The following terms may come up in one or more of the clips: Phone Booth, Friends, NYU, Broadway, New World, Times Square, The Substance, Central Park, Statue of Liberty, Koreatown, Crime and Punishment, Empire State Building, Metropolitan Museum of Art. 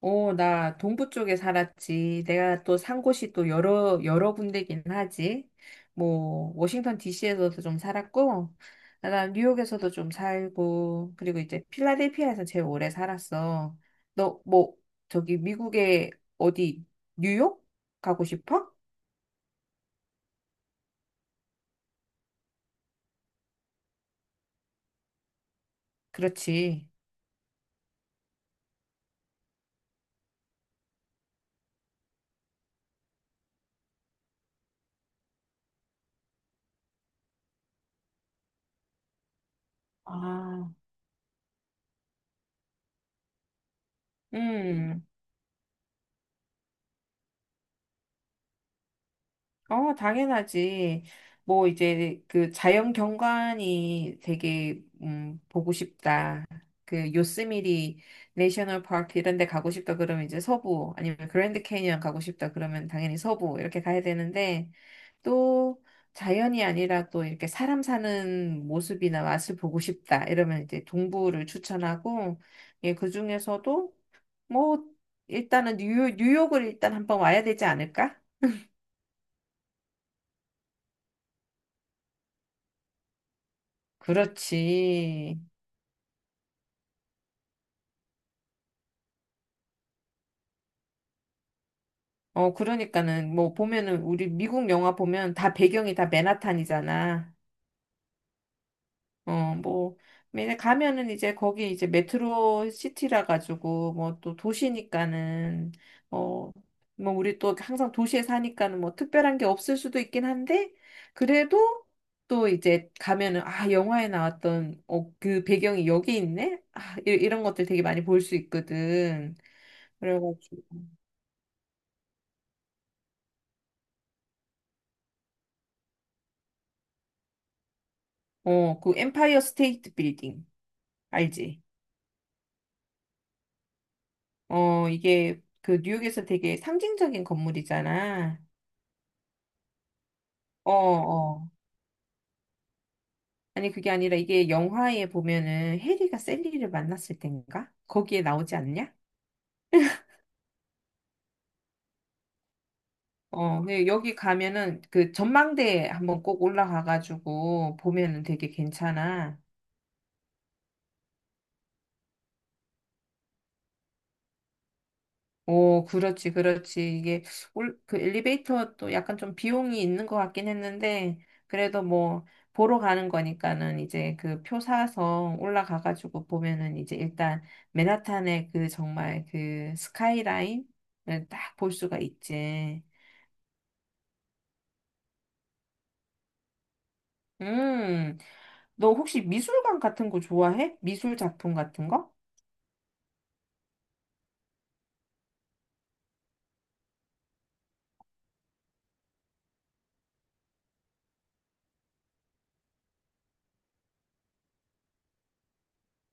어, 나 동부 쪽에 살았지. 내가 또 산 곳이 또 여러 군데긴 하지. 뭐, 워싱턴 DC에서도 좀 살았고, 나 뉴욕에서도 좀 살고, 그리고 이제 필라델피아에서 제일 오래 살았어. 너, 뭐, 저기 미국에 어디, 뉴욕? 가고 싶어? 그렇지. 아, 음, 어, 당연하지. 뭐, 이제, 그, 자연 경관이 되게, 보고 싶다. 그, 요스미리 내셔널 파크 이런 데 가고 싶다 그러면 이제 서부, 아니면 그랜드 캐니언 가고 싶다 그러면 당연히 서부, 이렇게 가야 되는데, 또, 자연이 아니라 또 이렇게 사람 사는 모습이나 맛을 보고 싶다. 이러면 이제 동부를 추천하고, 예, 그 중에서도, 뭐, 일단은 뉴욕, 뉴욕을 일단 한번 와야 되지 않을까? 그렇지. 어, 그러니까는, 뭐, 보면은, 우리 미국 영화 보면 다 배경이 다 맨하탄이잖아. 어, 뭐, 맨에 가면은 이제 거기 이제 메트로 시티라 가지고, 뭐, 또 도시니까는, 어, 뭐, 우리 또 항상 도시에 사니까는 뭐, 특별한 게 없을 수도 있긴 한데, 그래도 또 이제 가면은, 아, 영화에 나왔던, 어, 그 배경이 여기 있네? 아, 이런 것들 되게 많이 볼 수 있거든. 그래가지고, 어, 그 엠파이어 스테이트 빌딩, 알지? 어, 이게 그 뉴욕에서 되게 상징적인 건물이잖아. 어, 어. 아니, 그게 아니라 이게 영화에 보면은 해리가 셀리를 만났을 땐가? 거기에 나오지 않냐? 어, 근데 여기 가면은 그 전망대 한번 꼭 올라가가지고 보면은 되게 괜찮아. 오, 그렇지, 그렇지. 이게 올, 그 엘리베이터도 약간 좀 비용이 있는 것 같긴 했는데, 그래도 뭐, 보러 가는 거니까는 이제 그 표 사서 올라가가지고 보면은 이제 일단 맨하탄의 그 정말 그 스카이라인을 딱 볼 수가 있지. 음, 너 혹시 미술관 같은 거 좋아해? 미술 작품 같은 거?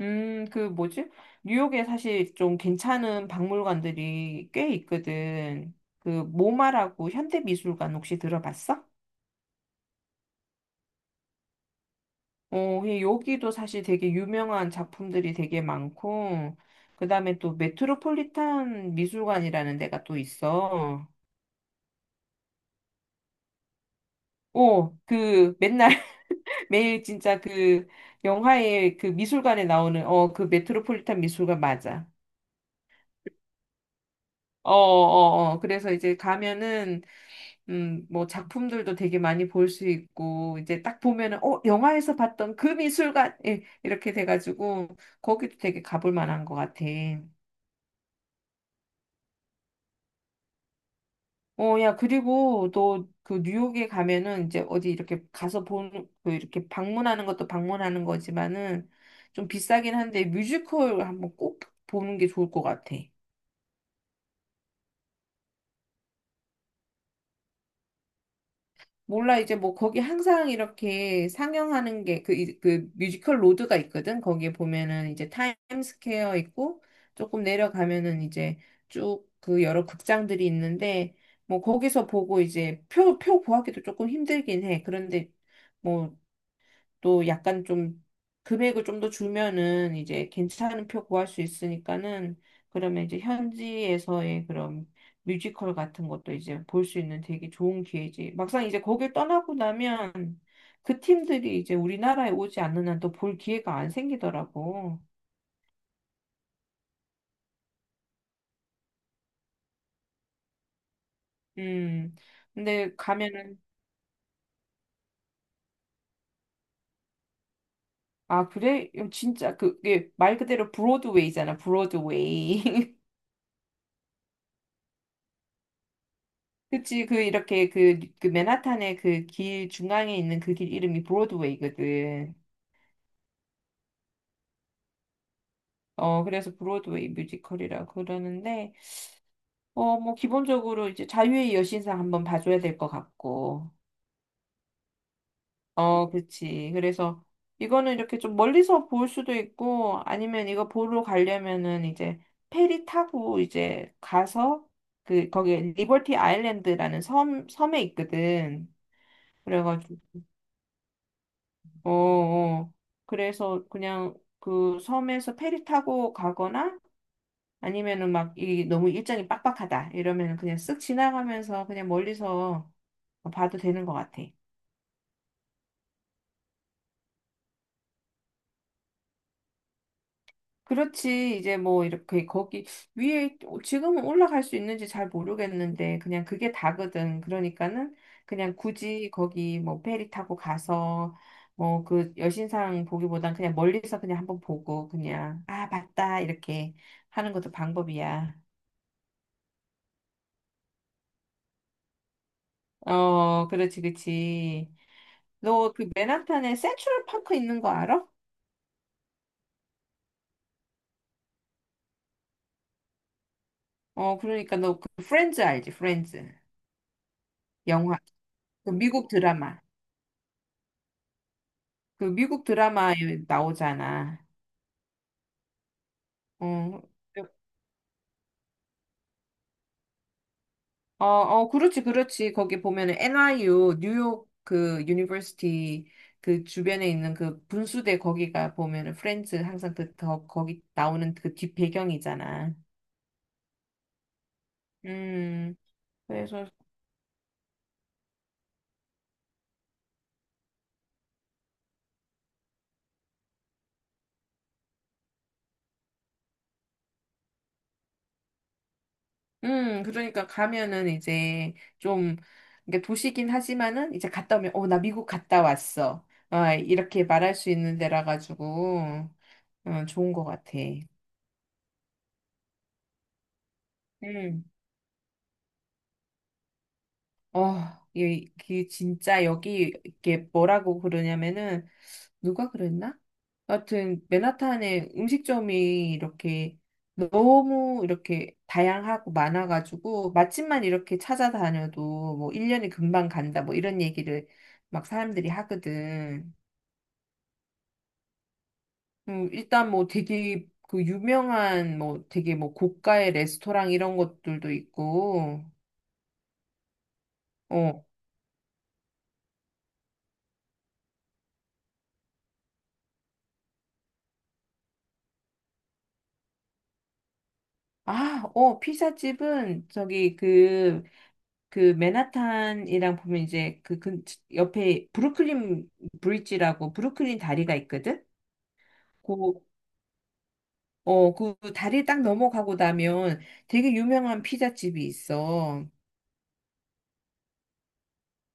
그 뭐지? 뉴욕에 사실 좀 괜찮은 박물관들이 꽤 있거든. 그 모마라고 현대미술관 혹시 들어봤어? 어, 예, 여기도 사실 되게 유명한 작품들이 되게 많고, 그 다음에 또 메트로폴리탄 미술관이라는 데가 또 있어. 오, 그 맨날 매일 진짜 그 영화의 그 미술관에 나오는 어, 그 메트로폴리탄 미술관 맞아. 어, 어, 어. 그래서 이제 가면은, 뭐 작품들도 되게 많이 볼 수 있고, 이제 딱 보면은, 어, 영화에서 봤던 그 미술관! 예, 이렇게 돼가지고, 거기도 되게 가볼 만한 것 같아. 어, 야, 그리고 또 그 뉴욕에 가면은 이제 어디 이렇게 가서 본, 그 이렇게 방문하는 것도 방문하는 거지만은 좀 비싸긴 한데 뮤지컬 한번 꼭 보는 게 좋을 것 같아. 몰라, 이제 뭐 거기 항상 이렇게 상영하는 게 그, 그 뮤지컬 로드가 있거든. 거기에 보면은 이제 타임스퀘어 있고 조금 내려가면은 이제 쭉 그 여러 극장들이 있는데 뭐 거기서 보고 이제 표 구하기도 조금 힘들긴 해. 그런데 뭐 또 약간 좀 금액을 좀 더 주면은 이제 괜찮은 표 구할 수 있으니까는 그러면 이제 현지에서의 그런 뮤지컬 같은 것도 이제 볼 수 있는 되게 좋은 기회지. 막상 이제 거길 떠나고 나면 그 팀들이 이제 우리나라에 오지 않는 한 또 볼 기회가 안 생기더라고. 음. 근데 가면은 아, 그래? 진짜 그게 말 그대로 브로드웨이잖아, 브로드웨이. 그치, 그, 이렇게, 그, 그, 맨하탄의 그 길 중앙에 있는 그 길 이름이 브로드웨이거든. 어, 그래서 브로드웨이 뮤지컬이라고 그러는데, 어, 뭐, 기본적으로 이제 자유의 여신상 한번 봐줘야 될 것 같고. 어, 그치. 그래서 이거는 이렇게 좀 멀리서 볼 수도 있고, 아니면 이거 보러 가려면은 이제 페리 타고 이제 가서, 그, 거기 리버티 아일랜드라는 섬에 있거든. 그래가지고, 어, 어. 그래서 그냥 그 섬에서 페리 타고 가거나 아니면은 막 이 너무 일정이 빡빡하다 이러면은 그냥 쓱 지나가면서 그냥 멀리서 뭐 봐도 되는 것 같아. 그렇지. 이제 뭐 이렇게 거기 위에 지금은 올라갈 수 있는지 잘 모르겠는데 그냥 그게 다거든. 그러니까는 그냥 굳이 거기 뭐 페리 타고 가서 뭐 그 여신상 보기보단 그냥 멀리서 그냥 한번 보고 그냥 아, 봤다 이렇게 하는 것도 방법이야. 어, 그렇지, 그렇지. 너 그 맨하탄에 센트럴 파크 있는 거 알아? 어, 그러니까 너 그 프렌즈 알지? 프렌즈. 영화. 그 미국 드라마. 그 미국 드라마에 나오잖아. 어, 어, 어, 그렇지, 그렇지. 거기 보면은 NYU, 뉴욕 그 유니버시티 그 주변에 있는 그 분수대 거기가 보면은 프렌즈 항상 그 더, 거기 나오는 그 뒷배경이잖아. 음. 그래서 그러니까 가면은 이제 좀, 그러니까 도시긴 하지만은 이제 갔다 오면, 어, 나 미국 갔다 왔어. 아, 이렇게 말할 수 있는 데라 가지고, 어, 좋은 것 같아. 음. 어, 이 진짜 여기 이게 뭐라고 그러냐면은 누가 그랬나? 하여튼 맨하탄에 음식점이 이렇게 너무 이렇게 다양하고 많아가지고 맛집만 이렇게 찾아다녀도 뭐 1년이 금방 간다 뭐 이런 얘기를 막 사람들이 하거든. 일단 뭐 되게 그 유명한 뭐 되게 뭐 고가의 레스토랑 이런 것들도 있고 어. 아, 어, 피자집은 저기 그 그 맨하탄이랑 보면 이제 그, 근 옆에 브루클린 브릿지라고 브루클린 다리가 있거든. 그, 어, 그 다리 딱 넘어가고 나면 되게 유명한 피자집이 있어.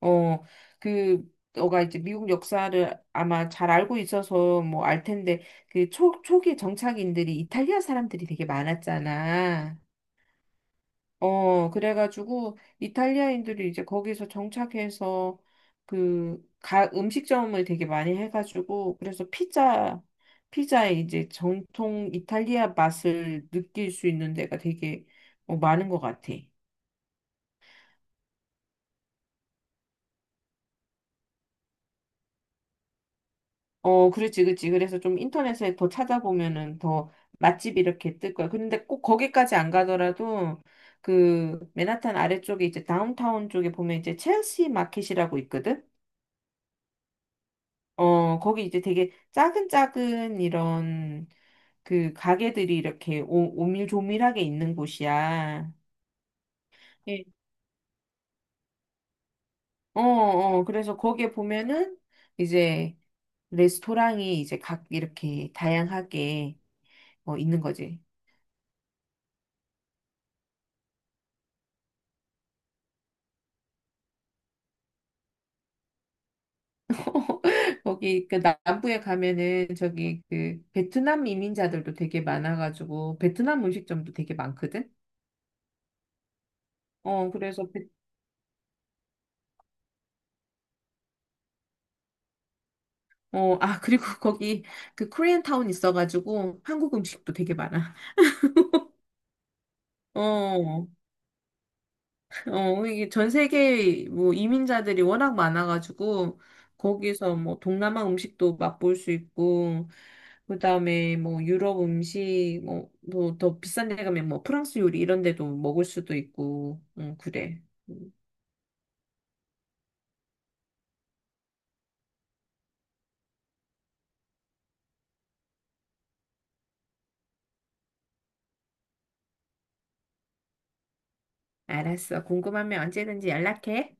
어, 그 너가 이제 미국 역사를 아마 잘 알고 있어서 뭐 알 텐데 그 초기 정착인들이 이탈리아 사람들이 되게 많았잖아. 어, 그래가지고 이탈리아인들이 이제 거기서 정착해서 그 가, 음식점을 되게 많이 해가지고 그래서 피자 이제 정통 이탈리아 맛을 느낄 수 있는 데가 되게 어, 많은 것 같아. 어, 그렇지, 그렇지. 그래서 좀 인터넷에 더 찾아보면은 더 맛집 이렇게 뜰 거야. 근데 꼭 거기까지 안 가더라도 그 맨하탄 아래쪽에 이제 다운타운 쪽에 보면 이제 첼시 마켓이라고 있거든. 어, 거기 이제 되게 작은 작은 이런 그 가게들이 이렇게 오, 오밀조밀하게 있는 곳이야. 예. 어, 어, 그래서 거기에 보면은 이제 레스토랑이 이제 각 이렇게 다양하게 어, 있는 거지. 거기 그 남부에 가면은 저기 그 베트남 이민자들도 되게 많아가지고 베트남 음식점도 되게 많거든. 어, 그래서 베- 어, 아, 그리고 거기 그 코리안 타운 있어가지고 한국 음식도 되게 많아. 어, 어, 이게 전 세계 뭐 이민자들이 워낙 많아가지고 거기서 뭐 동남아 음식도 맛볼 수 있고 그다음에 뭐 유럽 음식 뭐더 비싼 데 가면 뭐 프랑스 요리 이런 데도 먹을 수도 있고 응, 그래. 음, 알았어. 궁금하면 언제든지 연락해.